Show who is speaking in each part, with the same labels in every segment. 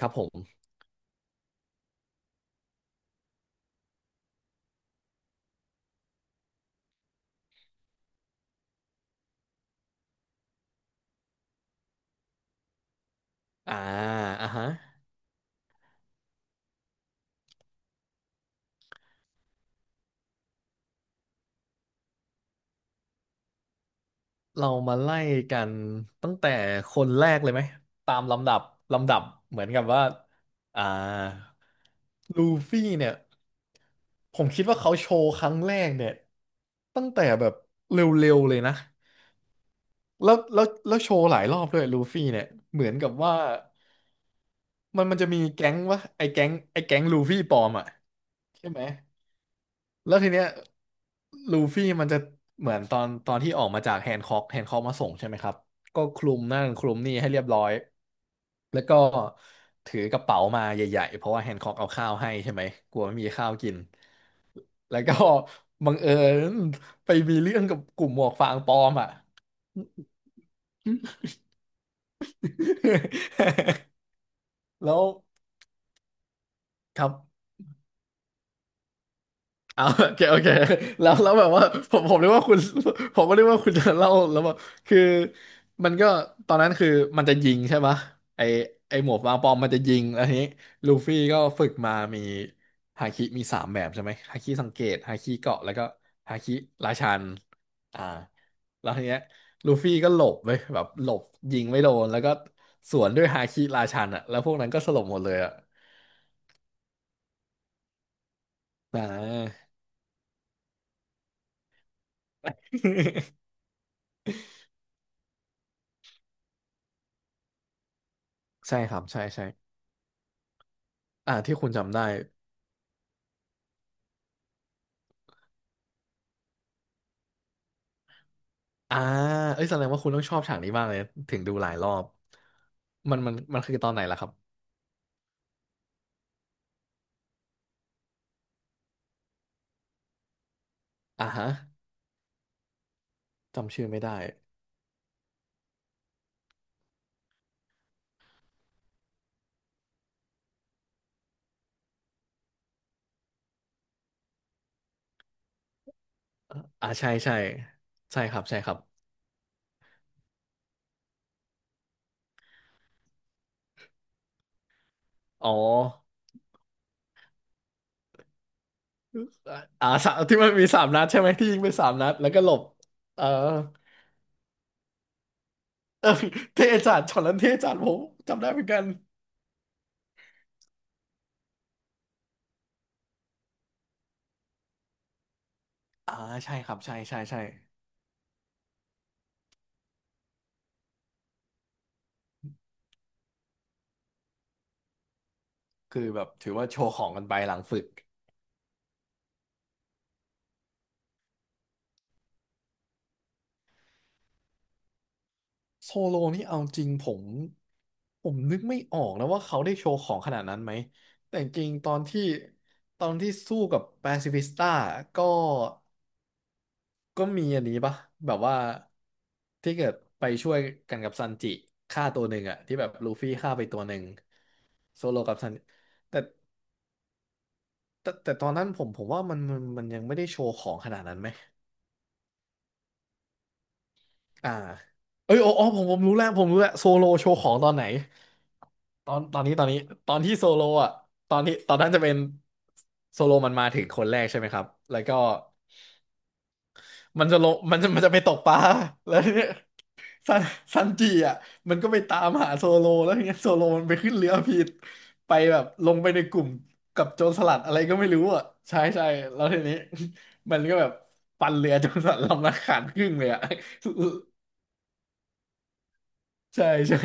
Speaker 1: ครับผมอ่าอ่ะฮะเรามาไล่กันตั้งแต่คนแรกเลยไหมตามลำดับลำดับเหมือนกับว่าอ่าลูฟี่เนี่ยผมคิดว่าเขาโชว์ครั้งแรกเนี่ยตั้งแต่แบบเร็วๆเลยนะแล้วโชว์หลายรอบด้วยลูฟี่เนี่ยเหมือนกับว่า มันจะมีแก๊งวะไอ้แก๊งลูฟี่ปลอมอ่ะใช่ไหม แล้วทีเนี้ยลูฟี่มันจะเหมือนตอนที่ออกมาจากแฮนค็อกมาส่งใช่ไหมครับก็คลุมนั่นคลุมนี่ให้เรียบร้อยแล้วก็ถือกระเป๋ามาใหญ่ๆเพราะว่าแฮนค็อกเอาข้าวให้ใช่ไหมกลัวไม่มีข้าวกินแล้วก็ บังเอิญไปมีเรื่องกับกลุ่มหมวกฟางปลอมอ่ะ แล้วครับ ออาโอเคแล้วแบบว่าผมผมนึกว่าคุณผมก็นึกว่าคุณจะเล่าแล้วว่าคือมันก็ตอนนั้นคือมันจะยิงใช่ปะไอไอหมวกวางปอมมันจะยิงแล้วทีนี้ลูฟี่ก็ฝึกมามีฮาคิมีสามแบบใช่ไหมฮาคิสังเกตฮาคิเกาะแล้วก็ฮาคิราชันอ่าแล้วทีเนี้ยลูฟี่ก็หลบไปแบบหลบยิงไม่โดนแล้วก็สวนด้วยฮาคิราชันอ่ะแล้วพวกนั้นก็สลบหมดเลยอ่ะอ่า ใช่ครับใช่ใช่อ่าที่คุณจำได้ อ่าเอ้ยแสดงว่าคุณต้องชอบฉากนี้มากเลยถึงดูหลายรอบมันคือตอนไหนล่ะครับอ่าฮะจำชื่อไม่ได้อ่าใช่ใช่ใช่ครับใช่ครับอ๋ออ่าสามที่มันมีสามนัดใช่ไหมที่ยิงไปสามนัดแล้วก็หลบเออเอ อเทจัดช็อตนั้นเทจัดผมจำได้เหมือนกันอ่าใช่ครับใช่ใช่ใช่คือแบบถือว่าโชว์ของกันไปหลังฝึก โซโลนี่เอาจริงผมนึกไม่ออกนะว่าเขาได้โชว์ของขนาดนั้นไหมแต่จริงตอนที่สู้กับแปซิฟิสต้าก็มีอันนี้ปะแบบว่าที่เกิดไปช่วยกันกับซันจิฆ่าตัวหนึ่งอะที่แบบลูฟี่ฆ่าไปตัวหนึ่งโซโลกับซันแต่แต่แต่ตอนนั้นผมว่ามันยังไม่ได้โชว์ของขนาดนั้นไหมอ่าเอ้ยอ๋อผมรู้แล้วผมรู้แล้วโซโลโชว์ของตอนไหน ตอนนี้ตอนนี้ตอนที่โซโลอ่ะตอนนั้นจะเป็นโซโลมันมาถึงคนแรกใช่ไหมครับแล้วก็มันจะลงมันจะไปตกปลา แล้วทีเนี้ยซันซันจิอ่ะมันก็ไปตามหาโซโลแล้วทีเนี้ยโซโลมันไปขึ้นเรือผิดไปแบบลงไปในกลุ่มกับโจรสลัดอะไรก็ไม่รู้อ่ะใช่ใช่แล้วทีนี้ มันก็แบบปันเรือโจรสลัดลำละขาดครึ่งเลยอ่ะ ใช่ใช่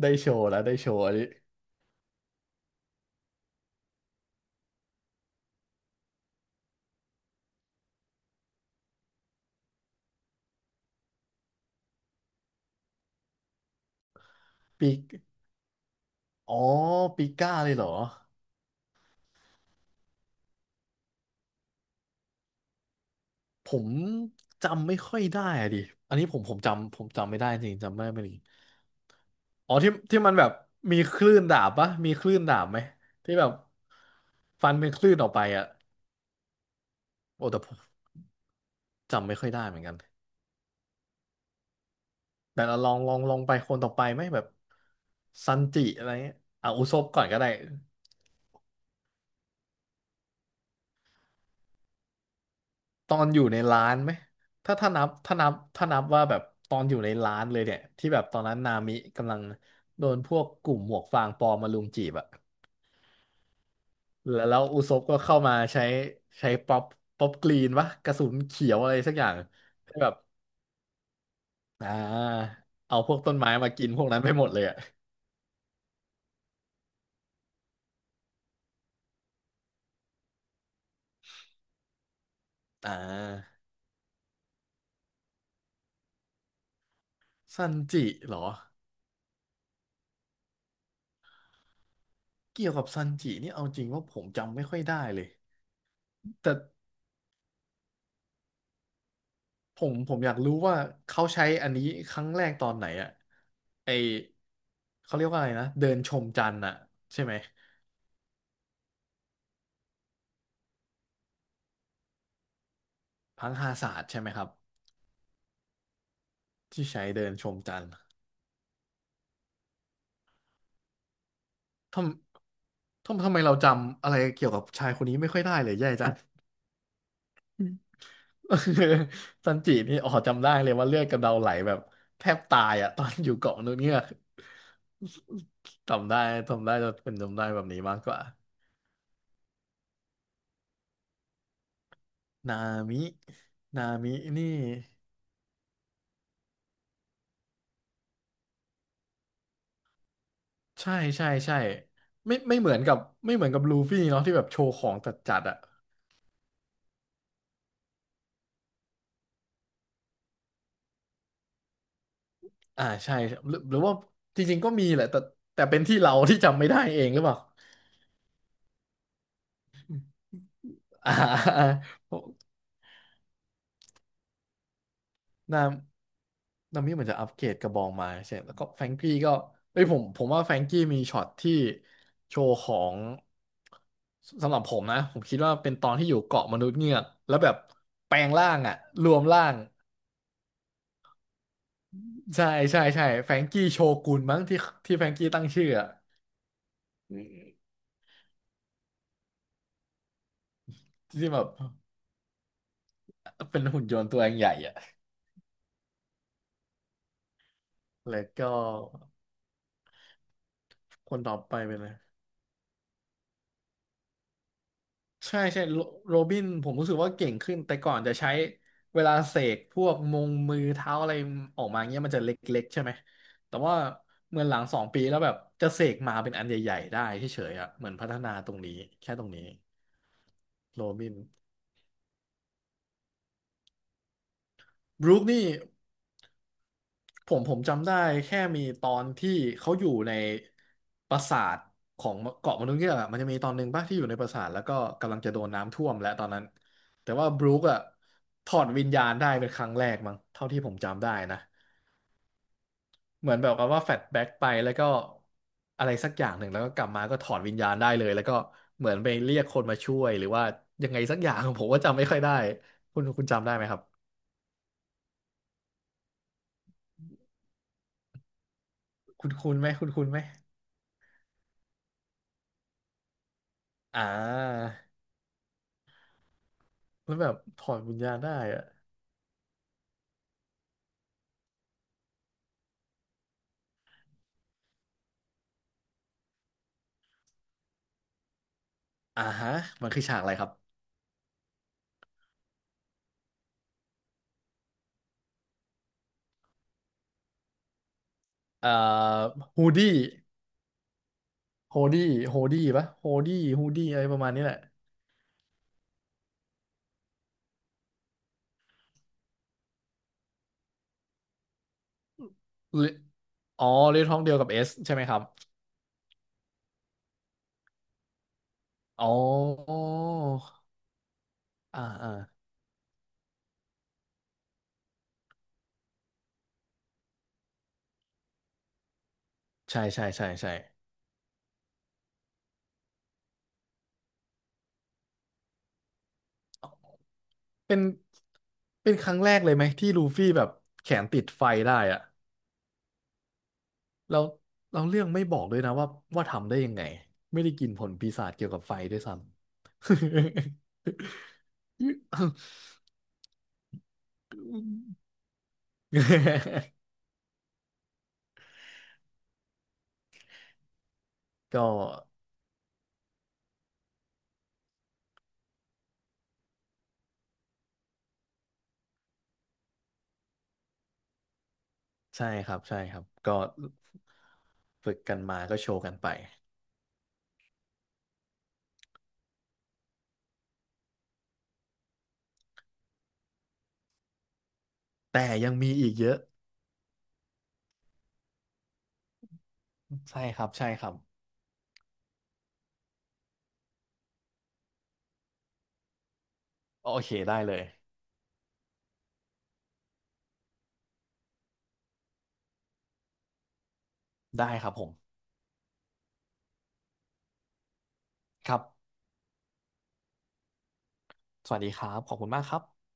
Speaker 1: ได้โชว์แล้วได้โชว์อันนี้ปีกอ๋อปีก้าเลยเหรอ ผมจำไม่ค่อยได้อะดิอันนี้ผมจำไม่ได้จริงจำไม่ได้จริงอ๋อที่มันแบบมีคลื่นดาบปะมีคลื่นดาบไหมที่แบบฟันเป็นคลื่นออกไปอะโอ้แต่ผมจำไม่ค่อยได้เหมือนกันแต่เราลองไปคนต่อไปไหมแบบซันจิอะไรเงี้ยอ่ะอุซบก่อนก็ได้ตอนอยู่ในร้านไหมถ้านับว่าแบบตอนอยู่ในร้านเลยเนี่ยที่แบบตอนนั้นนามิกำลังโดนพวกกลุ่มหมวกฟางปลอมมาลุมจีบอะ แล้วอุซบก็เข้ามาใช้ใช้ป๊อปกรีนวะกระสุนเขียวอะไรสักอย่างให้แบบอ่าเอาพวกต้นไม้มากินพวกนั้นไปหมดเลยอ่ะอ่าซันจิเหรอเกี่ยวกับซันจินี่เอาจริงว่าผมจำไม่ค่อยได้เลยแต่ผมอยากรู้ว่าเขาใช้อันนี้ครั้งแรกตอนไหนอ่ะไอเขาเรียกว่าอะไรนะเดินชมจันทร์อ่ะใช่ไหมพังฮาศาสตร์ใช่ไหมครับที่ใช้เดินชมจันทร์ ททำไมเราจำอะไรเกี่ยวกับชายคนนี้ไม่ค่อยได้เลยแย่จัง ซันจินี่อ๋อจำได้เลยว่าเลือดกำเดาไหลแบบแทบตายอ่ะตอนอยู่เกาะนู้นเนี่ยจำได้จะเป็นจำได้แบบนี้มากกว่านามินามินี่ใช่ใช่ใช่ไม่ไม่เหมือนกับไม่เหมือนกับลูฟี่เนาะที่แบบโชว์ของจัดอ่ะอ่าใช่หรือว่าจริงๆก็มีแหละแต่แต่เป็นที่เราที่จำไม่ได้เองหรือเปล่า อ่า อ่านาม นามิเหมือนจะอัปเกรดกระบองมาใช่แล้วก็แฟรงกี้ก็เอ้ยผมว่าแฟรงกี้มีช็อตที่โชว์ของสำหรับผมนะผมคิดว่าเป็นตอนที่อยู่เกาะมนุษย์เงือกแล้วแบบแปลงร่างอ่ะรวมร่างใช่ใช่ใช่แฟรงกี้โชกุนมั้งที่แฟรงกี้ตั้งชื่ออะอืมที่แบบเป็นหุ่นยนต์ตัวเองใหญ่อ่ะแล้วก็คนต่อไปเป็นอะไร ใช่ใช่โรโรบินผมรู้สึกว่าเก่งขึ้นแต่ก่อนจะใช้เวลาเสกพวกมงมือเท้าอะไรออกมาเงี้ยมันจะเล็กๆใช่ไหมแต่ว่าเหมือนหลัง2 ปีแล้วแบบจะเสกมาเป็นอันใหญ่ๆได้เฉยๆอ่ะเหมือนพัฒนาตรงนี้แค่ตรงนี้โรบินบรูคนี่ ผมจำได้แค่มีตอนที่เขาอยู่ในปราสาทของเกาะมนุษย์เงือกอะมันจะมีตอนหนึ่งป่ะที่อยู่ในปราสาทแล้วก็กำลังจะโดนน้ำท่วมและตอนนั้นแต่ว่าบรูคอะถอดวิญญาณได้เป็นครั้งแรกมั้งเท่าที่ผมจำได้นะเหมือนแบบกับว่าแฟลชแบ็กไปแล้วก็อะไรสักอย่างหนึ่งแล้วก็กลับมาก็ถอดวิญญาณได้เลยแล้วก็เหมือนไปเรียกคนมาช่วยหรือว่ายังไงสักอย่าง ผมก็จำไม่ค่อยได้คุณจำได้ไหมครับคุณไหมอ่ามันแบบถอดวิญญาณได้อะ อ่าฮะมันคือฉากอะไรครับเอ่อฮูดี้โฮดี้โฮดี้ปะโฮดี้ฮูดี้อะไรประมาณนี้แหละเลออ๋อเรื่องท้องเดียวกับเอสใช่ไหมครับอ๋ออ่าอ่าใช่ใช่ใช่ใช่เป็นเป็นครั้งแรกเลยไหมที่ลูฟี่แบบแขนติดไฟได้อะแล้วเราเรื่องไม่บอกด้วยนะว่าทำได้ยังไงไม่ได้กินผลปีศาจเกี่ยวกับไฟด้วยซ้ำ ก็ ใช่ครับใช่ครับก็ฝึกกันมาก็โชว์กันไปแต่ยังมีอีกเยอะใช่ครับใช่ครับโอเคได้เลยได้ครับผมครับสวัสดีครับขอบคุณมากครับ